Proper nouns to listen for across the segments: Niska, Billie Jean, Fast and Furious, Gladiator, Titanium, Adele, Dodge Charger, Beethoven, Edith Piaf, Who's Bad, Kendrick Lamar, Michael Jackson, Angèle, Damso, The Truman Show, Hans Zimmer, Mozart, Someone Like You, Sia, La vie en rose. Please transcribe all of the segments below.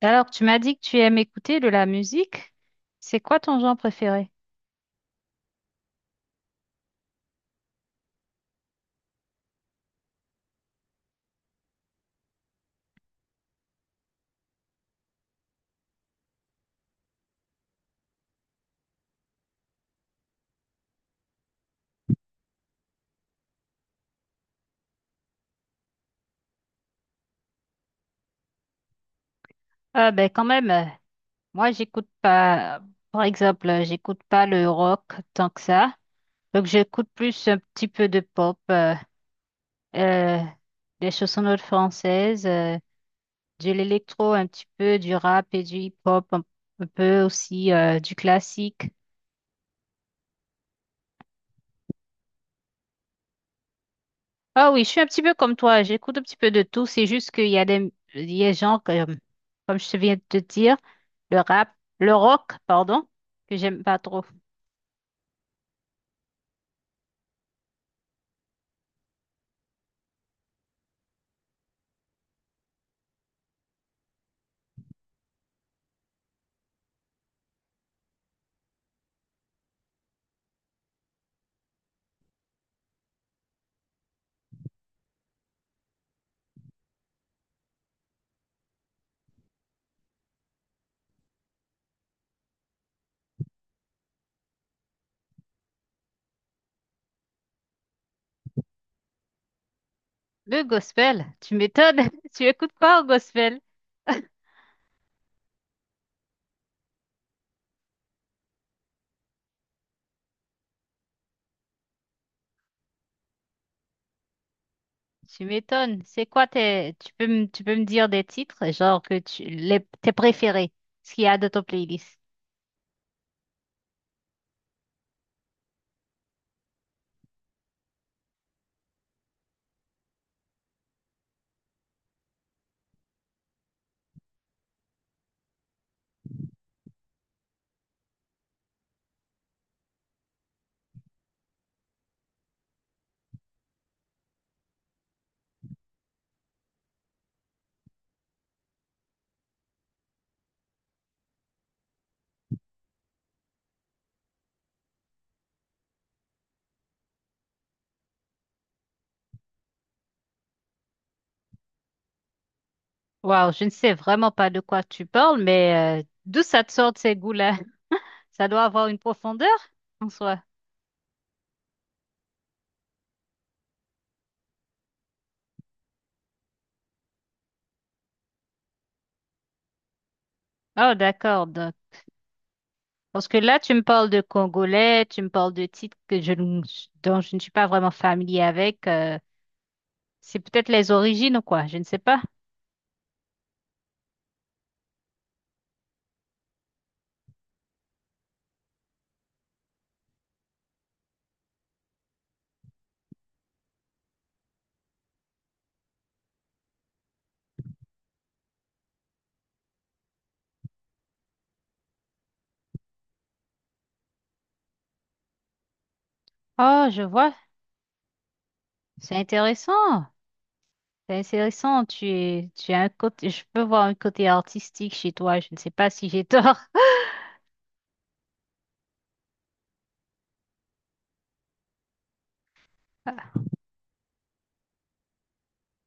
Alors, tu m'as dit que tu aimes écouter de la musique. C'est quoi ton genre préféré? Ah ben quand même, moi j'écoute pas, par exemple, j'écoute pas le rock tant que ça. Donc j'écoute plus un petit peu de pop, euh, des chansonnettes françaises, de l'électro un petit peu, du rap et du hip-hop, un peu aussi du classique. Ah oui, je suis un petit peu comme toi, j'écoute un petit peu de tout, c'est juste qu'il y a des, il y a des gens comme, comme je viens de te dire, le rap, le rock, pardon, que j'aime pas trop. Le gospel, tu m'étonnes, tu écoutes quoi au gospel? Tu m'étonnes, tu peux tu peux me dire des titres, genre tes préférés, ce qu'il y a de ton playlist. Waouh, je ne sais vraiment pas de quoi tu parles, mais d'où ça te sort de ces goûts-là? Ça doit avoir une profondeur en soi. Oh, d'accord. Parce que là, tu me parles de Congolais, tu me parles de titres que je, ne- dont je ne suis pas vraiment familier avec. C'est peut-être les origines ou quoi, je ne sais pas. Oh, je vois, c'est intéressant. C'est intéressant, tu as un côté, je peux voir un côté artistique chez toi, je ne sais pas si j'ai tort.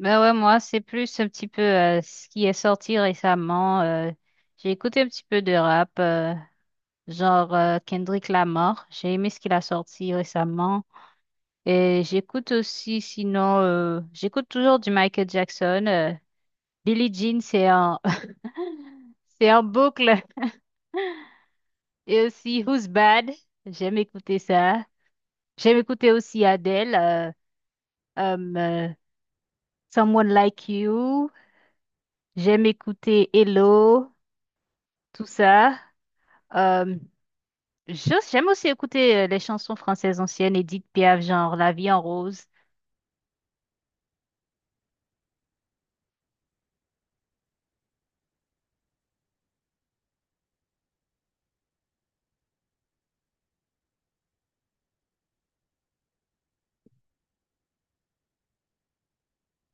Ben ouais, moi, c'est plus un petit peu ce qui est sorti récemment. J'ai écouté un petit peu de rap, genre Kendrick Lamar. J'ai aimé ce qu'il a sorti récemment. Et j'écoute aussi, sinon, j'écoute toujours du Michael Jackson. Billie Jean, c'est en boucle. Et aussi Who's Bad. J'aime écouter ça. J'aime écouter aussi Adele, um, euh, Someone Like You. J'aime écouter Hello, tout ça. Euh, j'aime aussi écouter les chansons françaises anciennes, Edith Piaf, genre La vie en rose.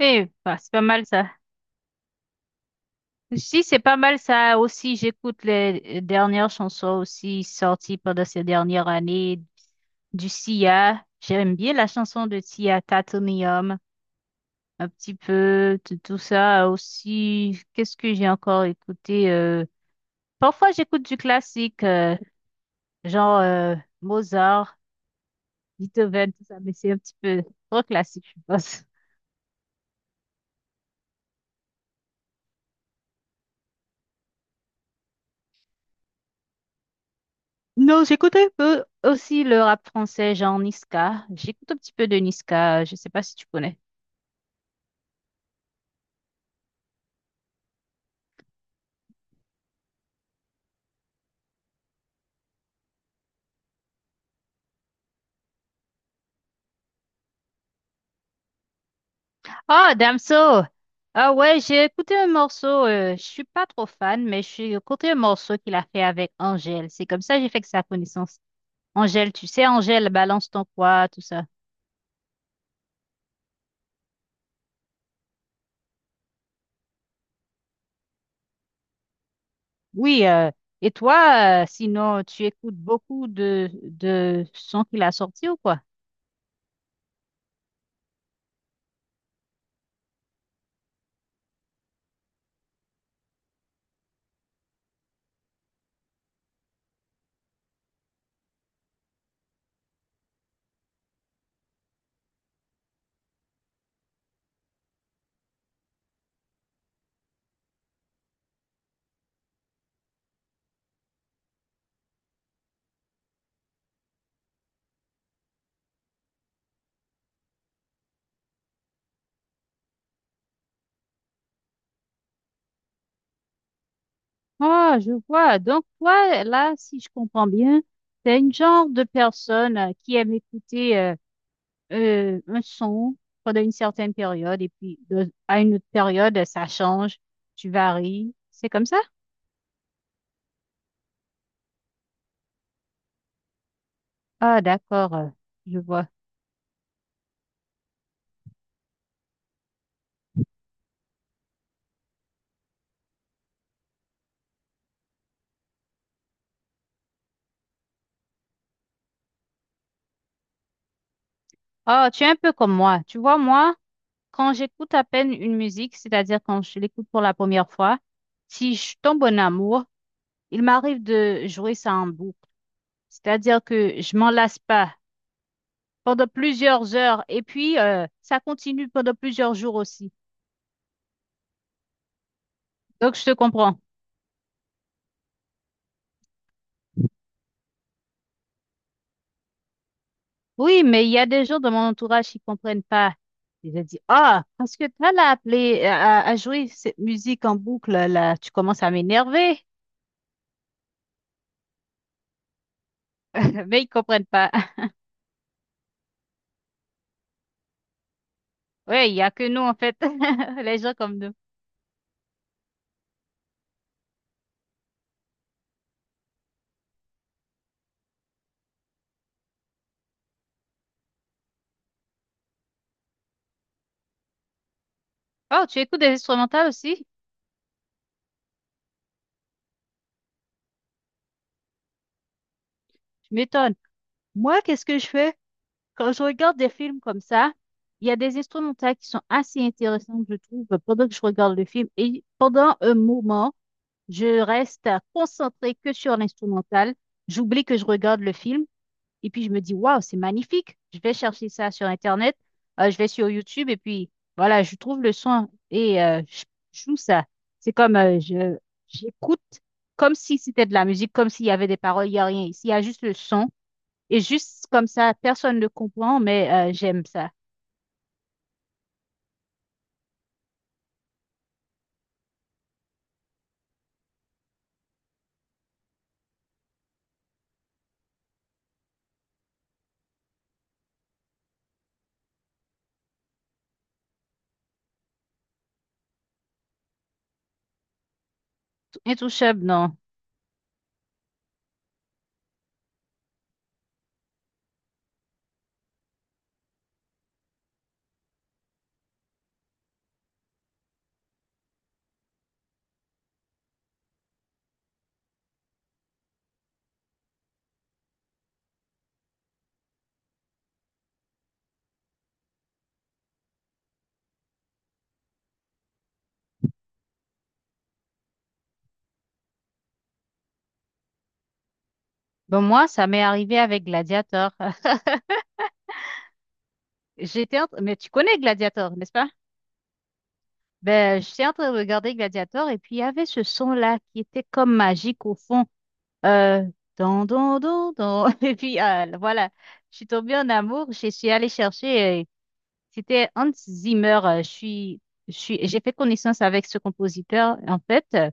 Et bah, c'est pas mal ça. Si, c'est pas mal ça aussi. J'écoute les dernières chansons aussi sorties pendant ces dernières années du Sia. J'aime bien la chanson de Sia, Titanium, un petit peu tout tout ça aussi. Qu'est-ce que j'ai encore écouté? Parfois, j'écoute du classique, genre Mozart, Beethoven, tout ça, mais c'est un petit peu trop classique, je pense. Non, j'écoute un peu aussi le rap français, genre Niska. J'écoute un petit peu de Niska. Je sais pas si tu connais. Oh, Damso! Ah ouais, j'ai écouté un morceau, je suis pas trop fan, mais j'ai écouté un morceau qu'il a fait avec Angèle. C'est comme ça que j'ai fait que sa connaissance. Angèle, tu sais, Angèle, balance ton poids, tout ça. Oui, et toi, sinon, tu écoutes beaucoup de sons qu'il a sortis ou quoi? Ah je vois. Donc, toi, là, si je comprends bien, t'es une genre de personne qui aime écouter un son pendant une certaine période et puis à une autre période, ça change, tu varies. C'est comme ça? Ah, d'accord, je vois. Ah, tu es un peu comme moi. Tu vois, moi, quand j'écoute à peine une musique, c'est-à-dire quand je l'écoute pour la première fois, si je tombe en bon amour, il m'arrive de jouer ça en boucle. C'est-à-dire que je m'en lasse pas pendant plusieurs heures et puis ça continue pendant plusieurs jours aussi. Donc, je te comprends. Oui, mais il y a des gens dans mon entourage qui comprennent pas. Ils ont dit, ah, parce que tu l'as appelé à jouer cette musique en boucle, là, tu commences à m'énerver. Mais ils comprennent pas. Ouais, il y a que nous, en fait, les gens comme nous. Oh, tu écoutes des instrumentales aussi? Tu m'étonnes. Moi, qu'est-ce que je fais? Quand je regarde des films comme ça, il y a des instrumentales qui sont assez intéressantes, je trouve, pendant que je regarde le film. Et pendant un moment, je reste concentrée que sur l'instrumental. J'oublie que je regarde le film. Et puis je me dis, waouh, c'est magnifique. Je vais chercher ça sur Internet, je vais sur YouTube et puis voilà, je trouve le son et je joue ça. C'est comme je j'écoute comme si c'était de la musique, comme s'il y avait des paroles, il n'y a rien ici, il y a juste le son. Et juste comme ça, personne ne comprend, mais j'aime ça. Intouchable, non. Bon, moi, ça m'est arrivé avec Gladiator. Mais tu connais Gladiator, n'est-ce pas? Ben, j'étais en train de regarder Gladiator et puis il y avait ce son-là qui était comme magique au fond. Euh, don, don, don, don. Et puis, voilà, je suis tombée en amour. Je suis allée chercher, c'était Hans Zimmer. J'ai fait connaissance avec ce compositeur. En fait, euh,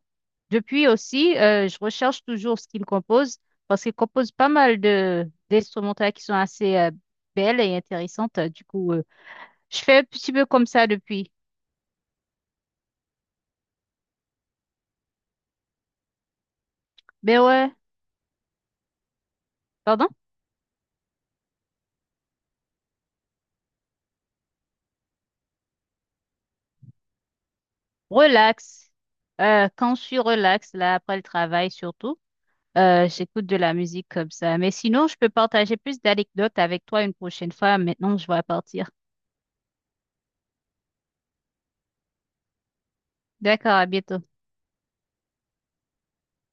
depuis aussi, euh, je recherche toujours ce qu'il compose parce qu'il compose pas mal de d'instrumentales qui sont assez belles et intéressantes. Du coup, je fais un petit peu comme ça depuis. Mais ouais, pardon? Relax. Quand je suis relax, là, après le travail surtout. J'écoute de la musique comme ça. Mais sinon, je peux partager plus d'anecdotes avec toi une prochaine fois. Maintenant, je vais partir. D'accord, à bientôt.